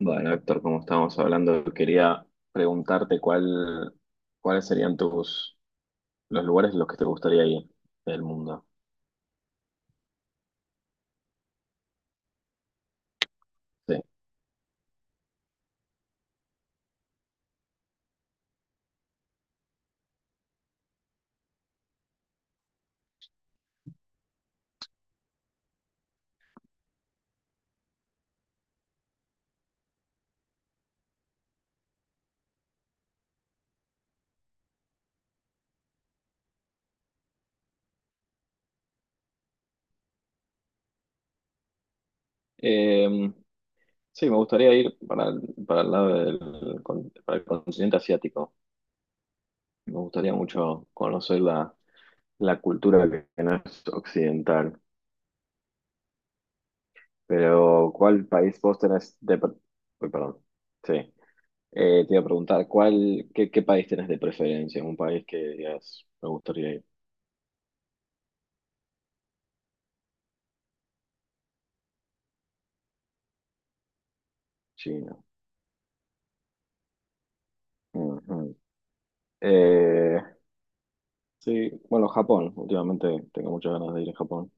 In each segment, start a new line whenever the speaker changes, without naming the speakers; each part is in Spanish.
Bueno, Héctor, como estábamos hablando, quería preguntarte cuáles serían tus los lugares en los que te gustaría ir del mundo. Sí. Eh, sí, me gustaría ir para el para el continente asiático. Me gustaría mucho conocer la cultura que no es occidental. Pero, ¿cuál país vos tenés Uy, perdón. Sí. Te iba a preguntar, qué país tenés de preferencia? Un país que digas, me gustaría ir. China. Ujú. Eh, sí, bueno, Japón. Últimamente tengo muchas ganas de ir a Japón.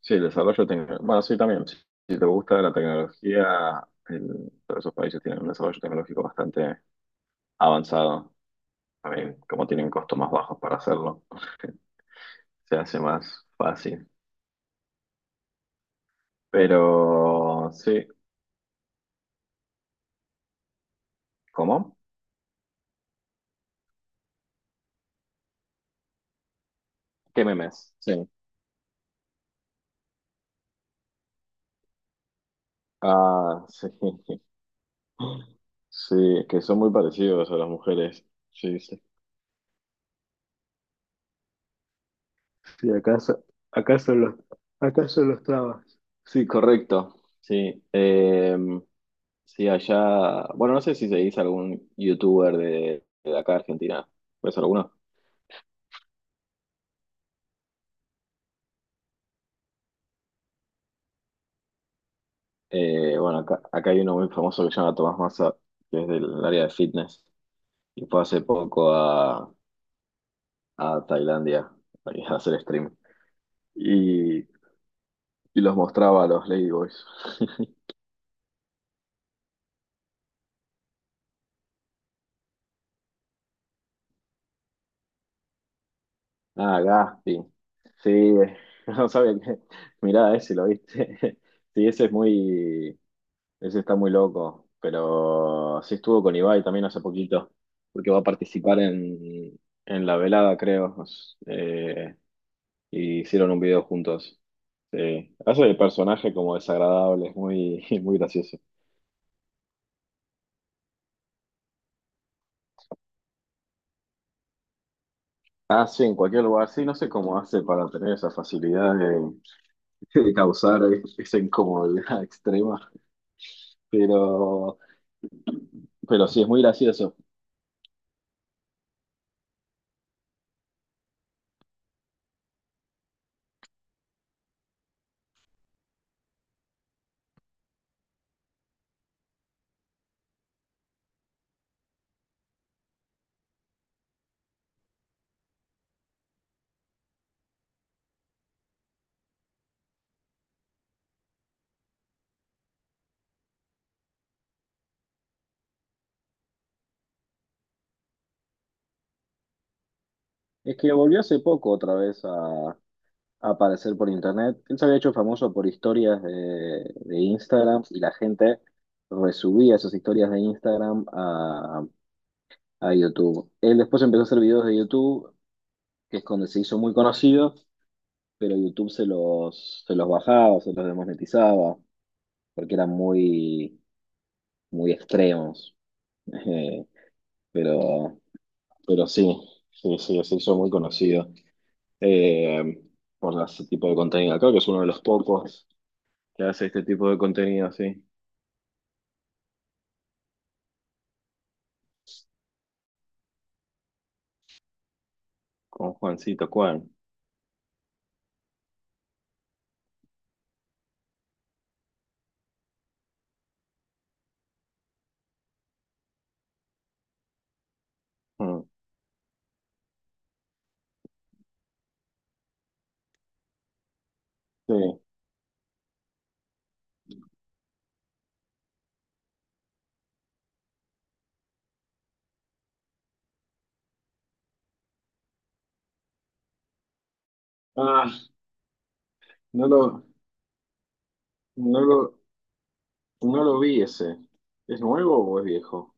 Sí, el desarrollo tecnológico. Bueno, sí, también. Si, si te gusta la tecnología, todos esos países tienen un desarrollo tecnológico bastante avanzado. También, como tienen costos más bajos para hacerlo, se hace más fácil. Pero sí, ¿cómo? ¿Qué memes? Sí. Ah, sí. Sí, que son muy parecidos a las mujeres. Sí, sí. Sí, acaso, acaso los, acaso los trabas. Sí, correcto. Sí. Sí, allá. Bueno, no sé si seguís algún youtuber de acá de Argentina. ¿Ves alguno? Eh, bueno, acá hay uno muy famoso que se llama Tomás Massa, que es del área de fitness. Y fue hace poco a Tailandia a hacer stream. Y, y los mostraba a los Ladyboys. Ah, Gaspi. Sí, no sabía que. Mirá, ese lo viste. Sí, ese es muy. Ese está muy loco. Pero sí estuvo con Ibai también hace poquito. Porque va a participar en la velada, creo. Eh, y hicieron un video juntos. Sí. Hace el personaje como desagradable, es muy, muy gracioso. Ah, sí, en cualquier lugar. Sí, no sé cómo hace para tener esa facilidad de causar esa incomodidad extrema. Pero Pero sí, es muy gracioso. Es que volvió hace poco otra vez a aparecer por internet. Él se había hecho famoso por historias de Instagram y la gente resubía esas historias de Instagram a YouTube. Él después empezó a hacer videos de YouTube, que es donde se hizo muy conocido, pero YouTube se los bajaba, se los desmonetizaba, porque eran muy extremos. Eh, pero, pero sí, se hizo muy conocido, eh, por ese tipo de contenido. Creo que es uno de los pocos que hace este tipo de contenido así, con Juancito Juan. Mm, sí. Ah, no lo, no lo, no lo vi ese. ¿Es nuevo o es viejo?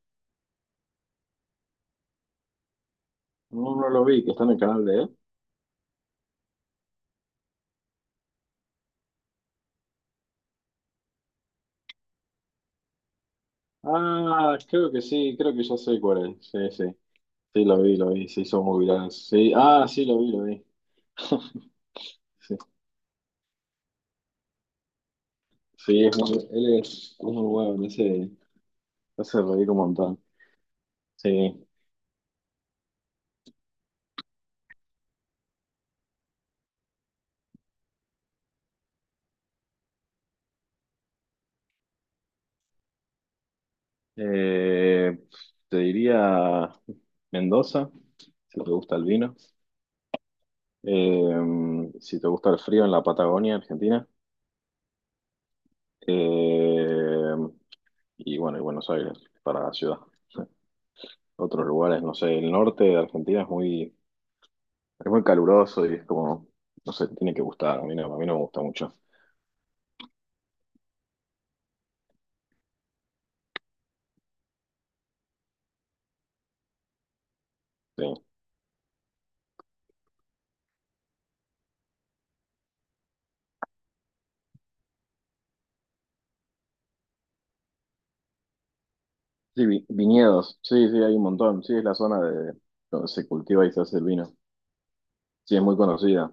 No, no lo vi, que está en el canal de él. Ah, creo que sí, creo que ya sé cuál es. Sí, sí. Sí, lo vi, se hizo muy viral. Sí, ah, sí, lo vi, lo vi. Sí, sí, él es muy bueno, me hace reír un montón. Sí. Eh, Te diría Mendoza, si te gusta el vino. Eh, si te gusta el frío en la Patagonia, Argentina. Eh, y bueno, y Buenos Aires, para la ciudad. Sí. Otros lugares, no sé, el norte de Argentina es muy caluroso y es como, no sé, tiene que gustar. A mí no me gusta mucho. Sí, viñedos, sí, sí, hay un montón. Sí, es la zona de donde se cultiva y se hace el vino. Sí, es muy conocida.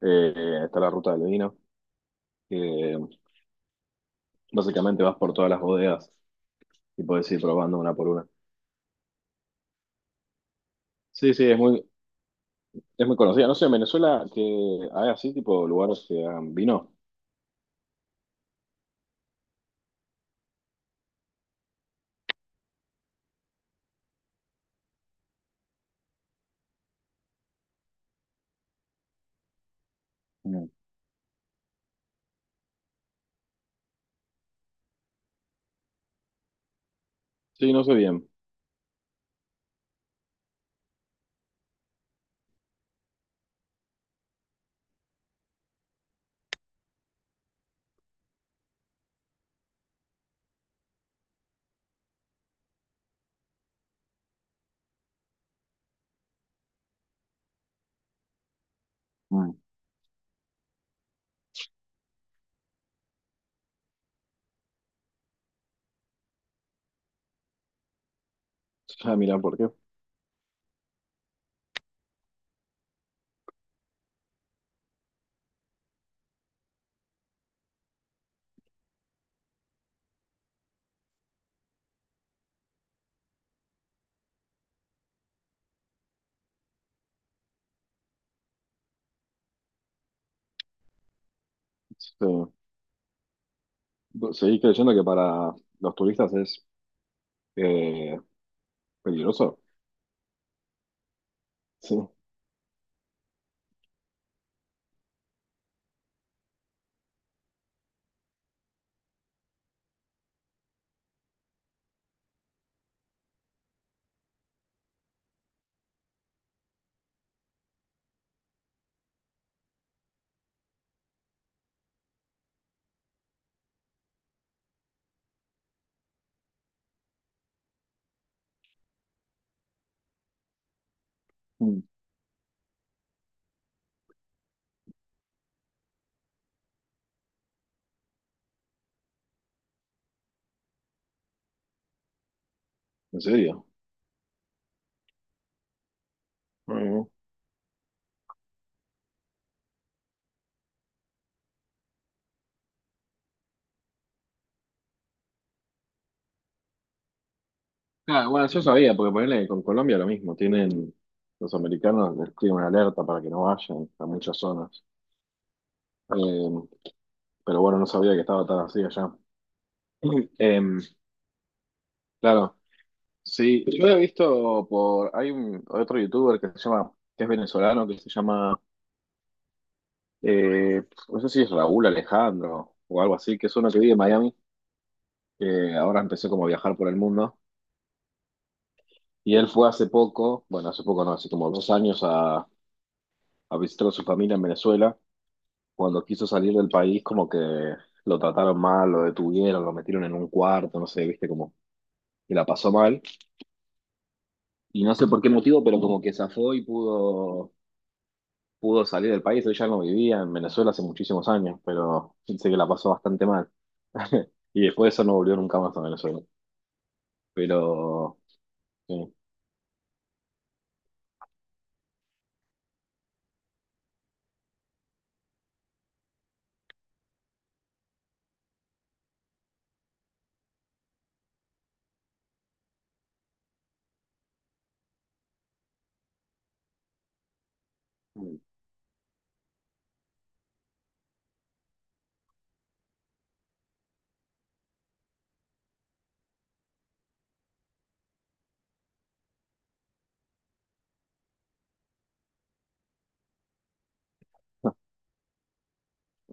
Está la ruta del vino. Eh, Básicamente vas por todas las bodegas y puedes ir probando una por una. Sí, sí, es muy, es muy conocida. No sé, en Venezuela que hay así tipo lugares que hagan vino. Mm. Sí, no sé bien. Mm. Ah, mira, ¿por qué? Sí. ¿Seguís creyendo que para los turistas es eh, peligroso? Sí. Mm. ¿En serio? Mm. Ah, bueno, yo sabía, porque ponele con Colombia lo mismo. Los americanos les escriben una alerta para que no vayan a muchas zonas. Eh, pero bueno, no sabía que estaba tan así allá. Em, claro, sí, yo he visto por, hay un otro youtuber que se llama, que es venezolano, que se llama, eh, no sé si es Raúl Alejandro o algo así, que es uno que vive en Miami, que ahora empezó como a viajar por el mundo, y él fue hace poco, bueno, hace poco no, hace como 2 años a visitar a su familia en Venezuela, cuando quiso salir del país como que lo trataron mal, lo detuvieron, lo metieron en un cuarto, no sé, viste, como que la pasó mal, y no sé por qué motivo, pero como que zafó pudo salir del país, ella no vivía en Venezuela hace muchísimos años, pero sé que la pasó bastante mal. Y después de eso no volvió nunca más a Venezuela. Pero, sí.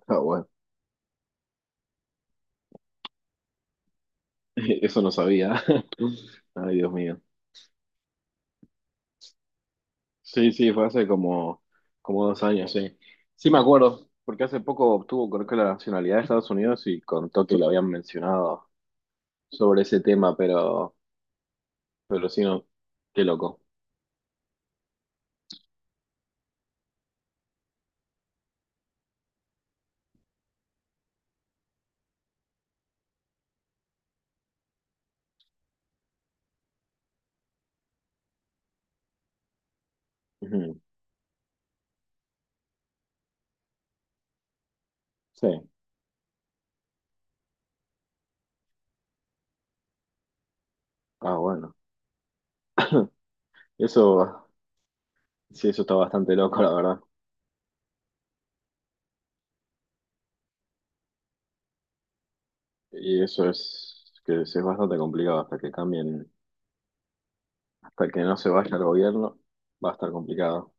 Ah, bueno, eso no sabía. Ay, Dios mío. Sí, como dos años, sí. Sí me acuerdo, porque hace poco obtuvo, creo que la nacionalidad de Estados Unidos y contó que lo habían mencionado sobre ese tema, pero sí, no, qué loco. Ujú, Sí, ah, bueno. Eso Sí, eso está bastante loco, la verdad. Y eso es que es bastante complicado hasta que cambien, hasta que no se vaya el gobierno, va a estar complicado.